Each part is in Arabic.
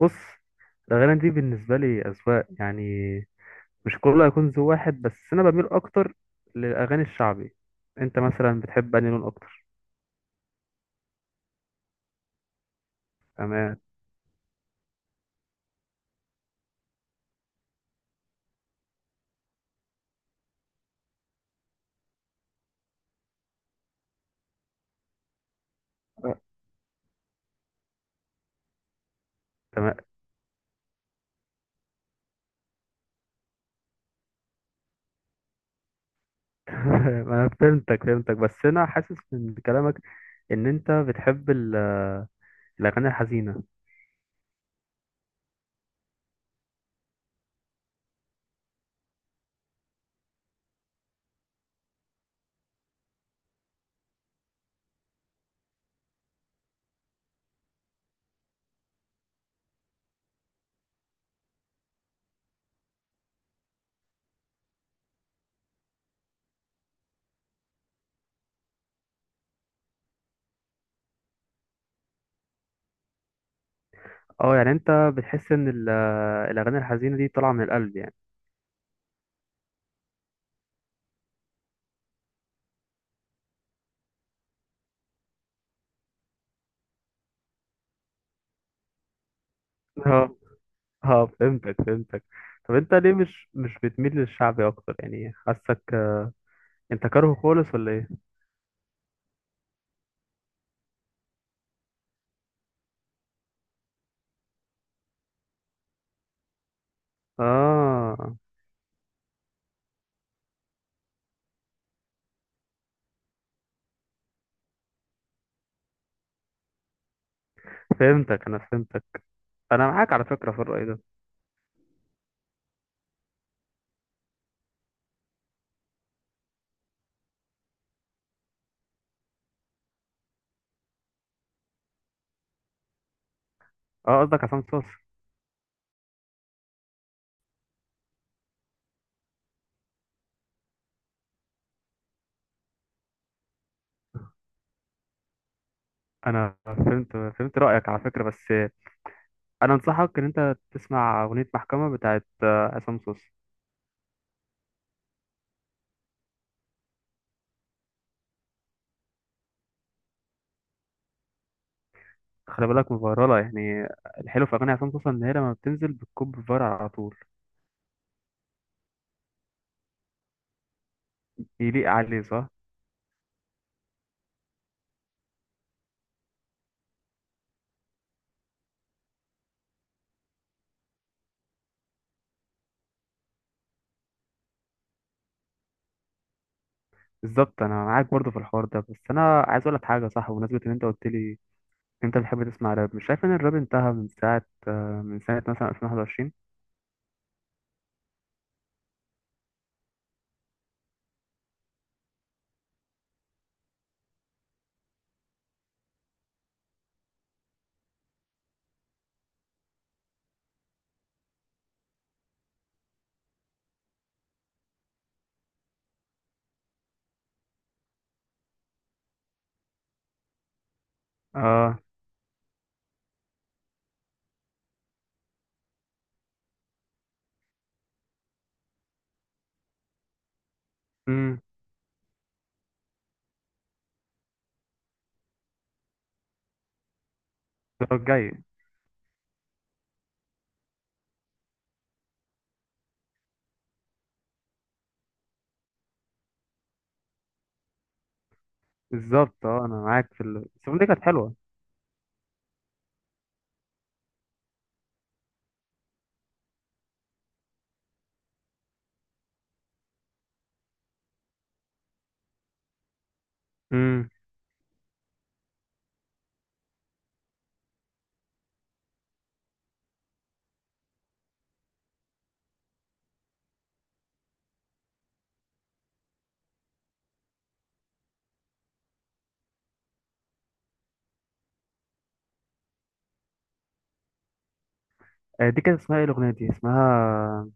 بص. الأغاني دي بالنسبة لي أذواق، يعني مش كله هيكون ذو واحد، بس أنا بميل أكتر للأغاني الشعبي. أنت مثلا بتحب أنهي لون أكتر؟ تمام. تمام. أنا فهمتك فهمتك، بس أنا حاسس من كلامك إن أنت بتحب الأغاني الحزينة. أه، يعني أنت بتحس إن الأغاني الحزينة دي طالعة من القلب يعني؟ أه، أه، فهمتك فهمتك. طب أنت ليه مش بتميل للشعبي أكتر يعني؟ حاسك أنت كاره خالص ولا إيه؟ آه، فهمتك انا فهمتك، انا معاك على فكره في الراي ده. اه، قصدك عصام صاصا. انا فهمت، فهمت رايك على فكره، بس انا انصحك ان انت تسمع اغنيه محكمه بتاعت عصام صاصا. خلي بالك مفيراله يعني، الحلو في اغاني عصام صاصا ان هي لما بتنزل بتكب فيرال على طول. يليق عليه، صح. بالظبط، انا معاك برضو في الحوار ده، بس انا عايز اقول لك حاجه، صح، بمناسبه ان انت قلت لي إن انت بتحب تسمع راب. مش شايف ان الراب انتهى من ساعه، من سنه مثلا 2021؟ اه. امم الجاي. بالظبط. اه، انا معاك بس الأغنية دي كانت حلوه. امم دي كانت اسمها ايه، الاغنيه دي اسمها؟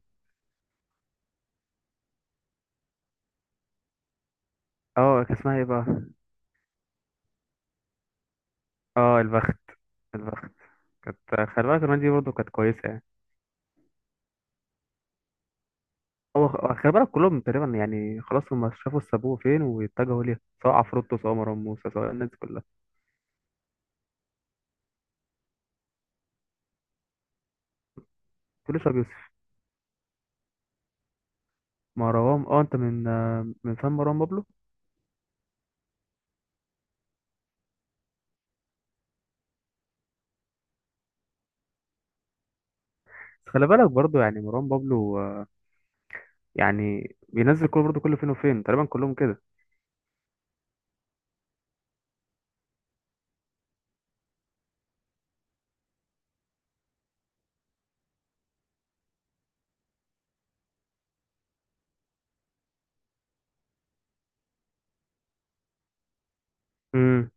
اه، كان اسمها ايه بقى؟ اه، البخت. البخت كانت. خلي بالك الاغنيه دي برضه كانت كويسه يعني. هو، هو خلي بالك كلهم تقريبا يعني، خلاص هم شافوا السابوه فين واتجهوا ليها، سواء عفروتو، سواء مروان موسى، سواء الناس دي كلها. كل شباب يوسف مروان، اه، انت من فن مروان بابلو. بس خلي بالك برضه، يعني مروان بابلو يعني بينزل كل برضه كل فين وفين تقريبا كلهم كده.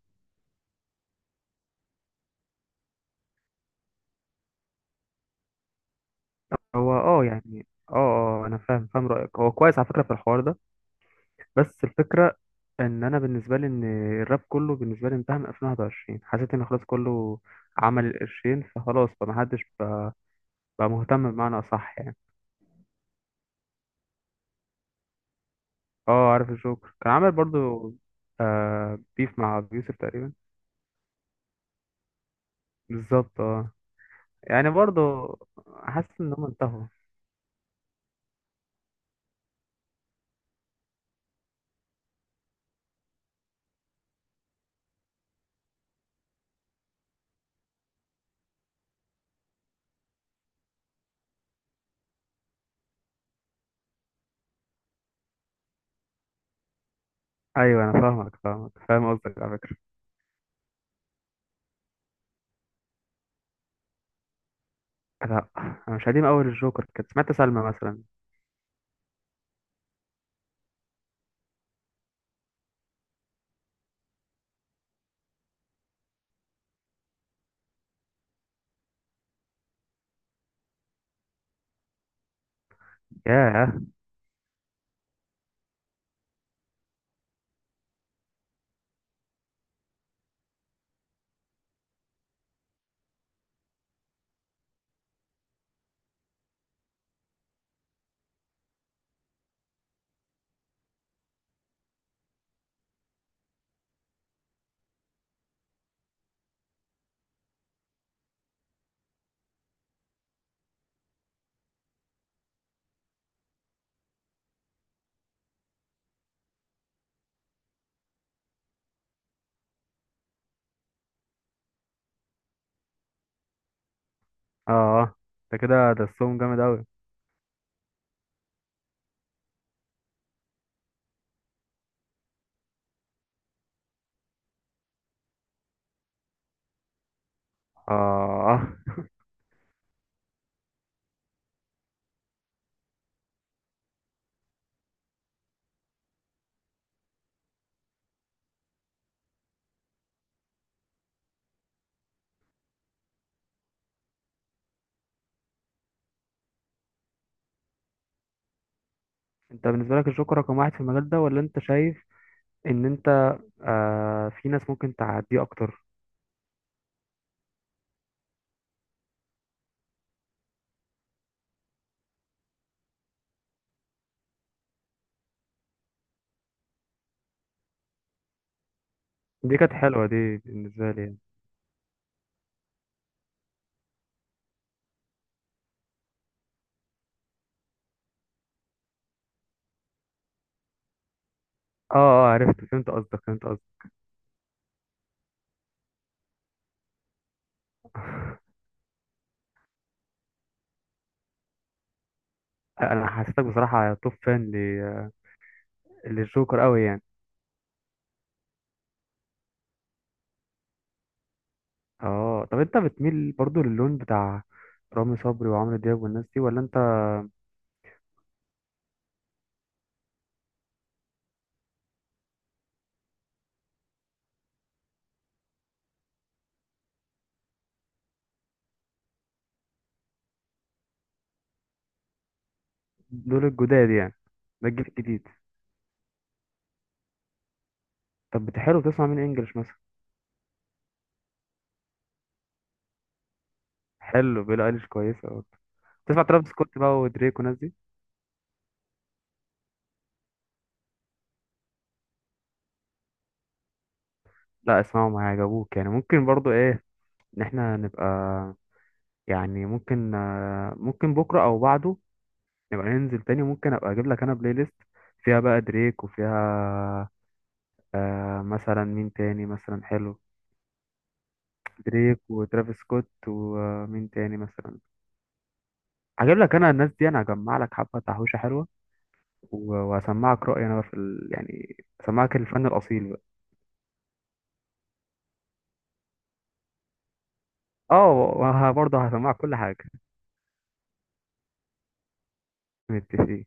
هو يعني، انا فاهم فاهم رايك، هو كويس على فكره في الحوار ده. بس الفكره ان انا بالنسبه لي، ان الراب كله بالنسبه لي انتهى من 2021. حسيت ان خلاص كله عمل القرشين فخلاص، فمحدش بقى مهتم بمعنى اصح يعني. اه، عارف الجوكر كان عامل برضو آه، بيف مع أبي يوسف تقريبا. بالظبط. اه، يعني برضو حاسس ان هم انتهوا. ايوه، انا فاهمك فاهم قصدك على فكره. لا، انا مش قديم، اول الجوكر كنت سمعت سلمى مثلا. ياه. اه، انت كده درسهم جامد اوي. اه. انت بالنسبه لك الجوكر رقم واحد في المجال ده، ولا انت شايف ان انت في ناس ممكن تعديه اكتر؟ دي كانت حلوه دي بالنسبه لي يعني. اه، اه، عرفت، فهمت قصدك فهمت قصدك. انا حسيتك بصراحه توب فان للجوكر قوي يعني. اه، طب انت بتميل برضو للون بتاع رامي صبري وعمرو دياب والناس دي ولا انت؟ دول الجداد يعني. ده الجيل الجديد. طب بتحب تسمع مين انجلش مثلا؟ حلو، بيلي ايليش كويسه برضه. تسمع ترافيس سكوت بقى ودريك والناس دي؟ لا، اسمعهم هيعجبوك يعني. ممكن برضو ايه، ان احنا نبقى، يعني ممكن ممكن بكره او بعده نبقى ننزل تاني. ممكن ابقى اجيب لك انا بلاي ليست فيها بقى دريك، وفيها مثلا مين تاني مثلا حلو؟ دريك وترافيس سكوت، ومين تاني مثلا؟ هجيب لك انا الناس دي، انا هجمع لك حبه تحويشه حلوه. وهسمعك رايي انا بقى يعني هسمعك الفن الاصيل بقى. اه، وبرضه هسمعك كل حاجه. متفقين.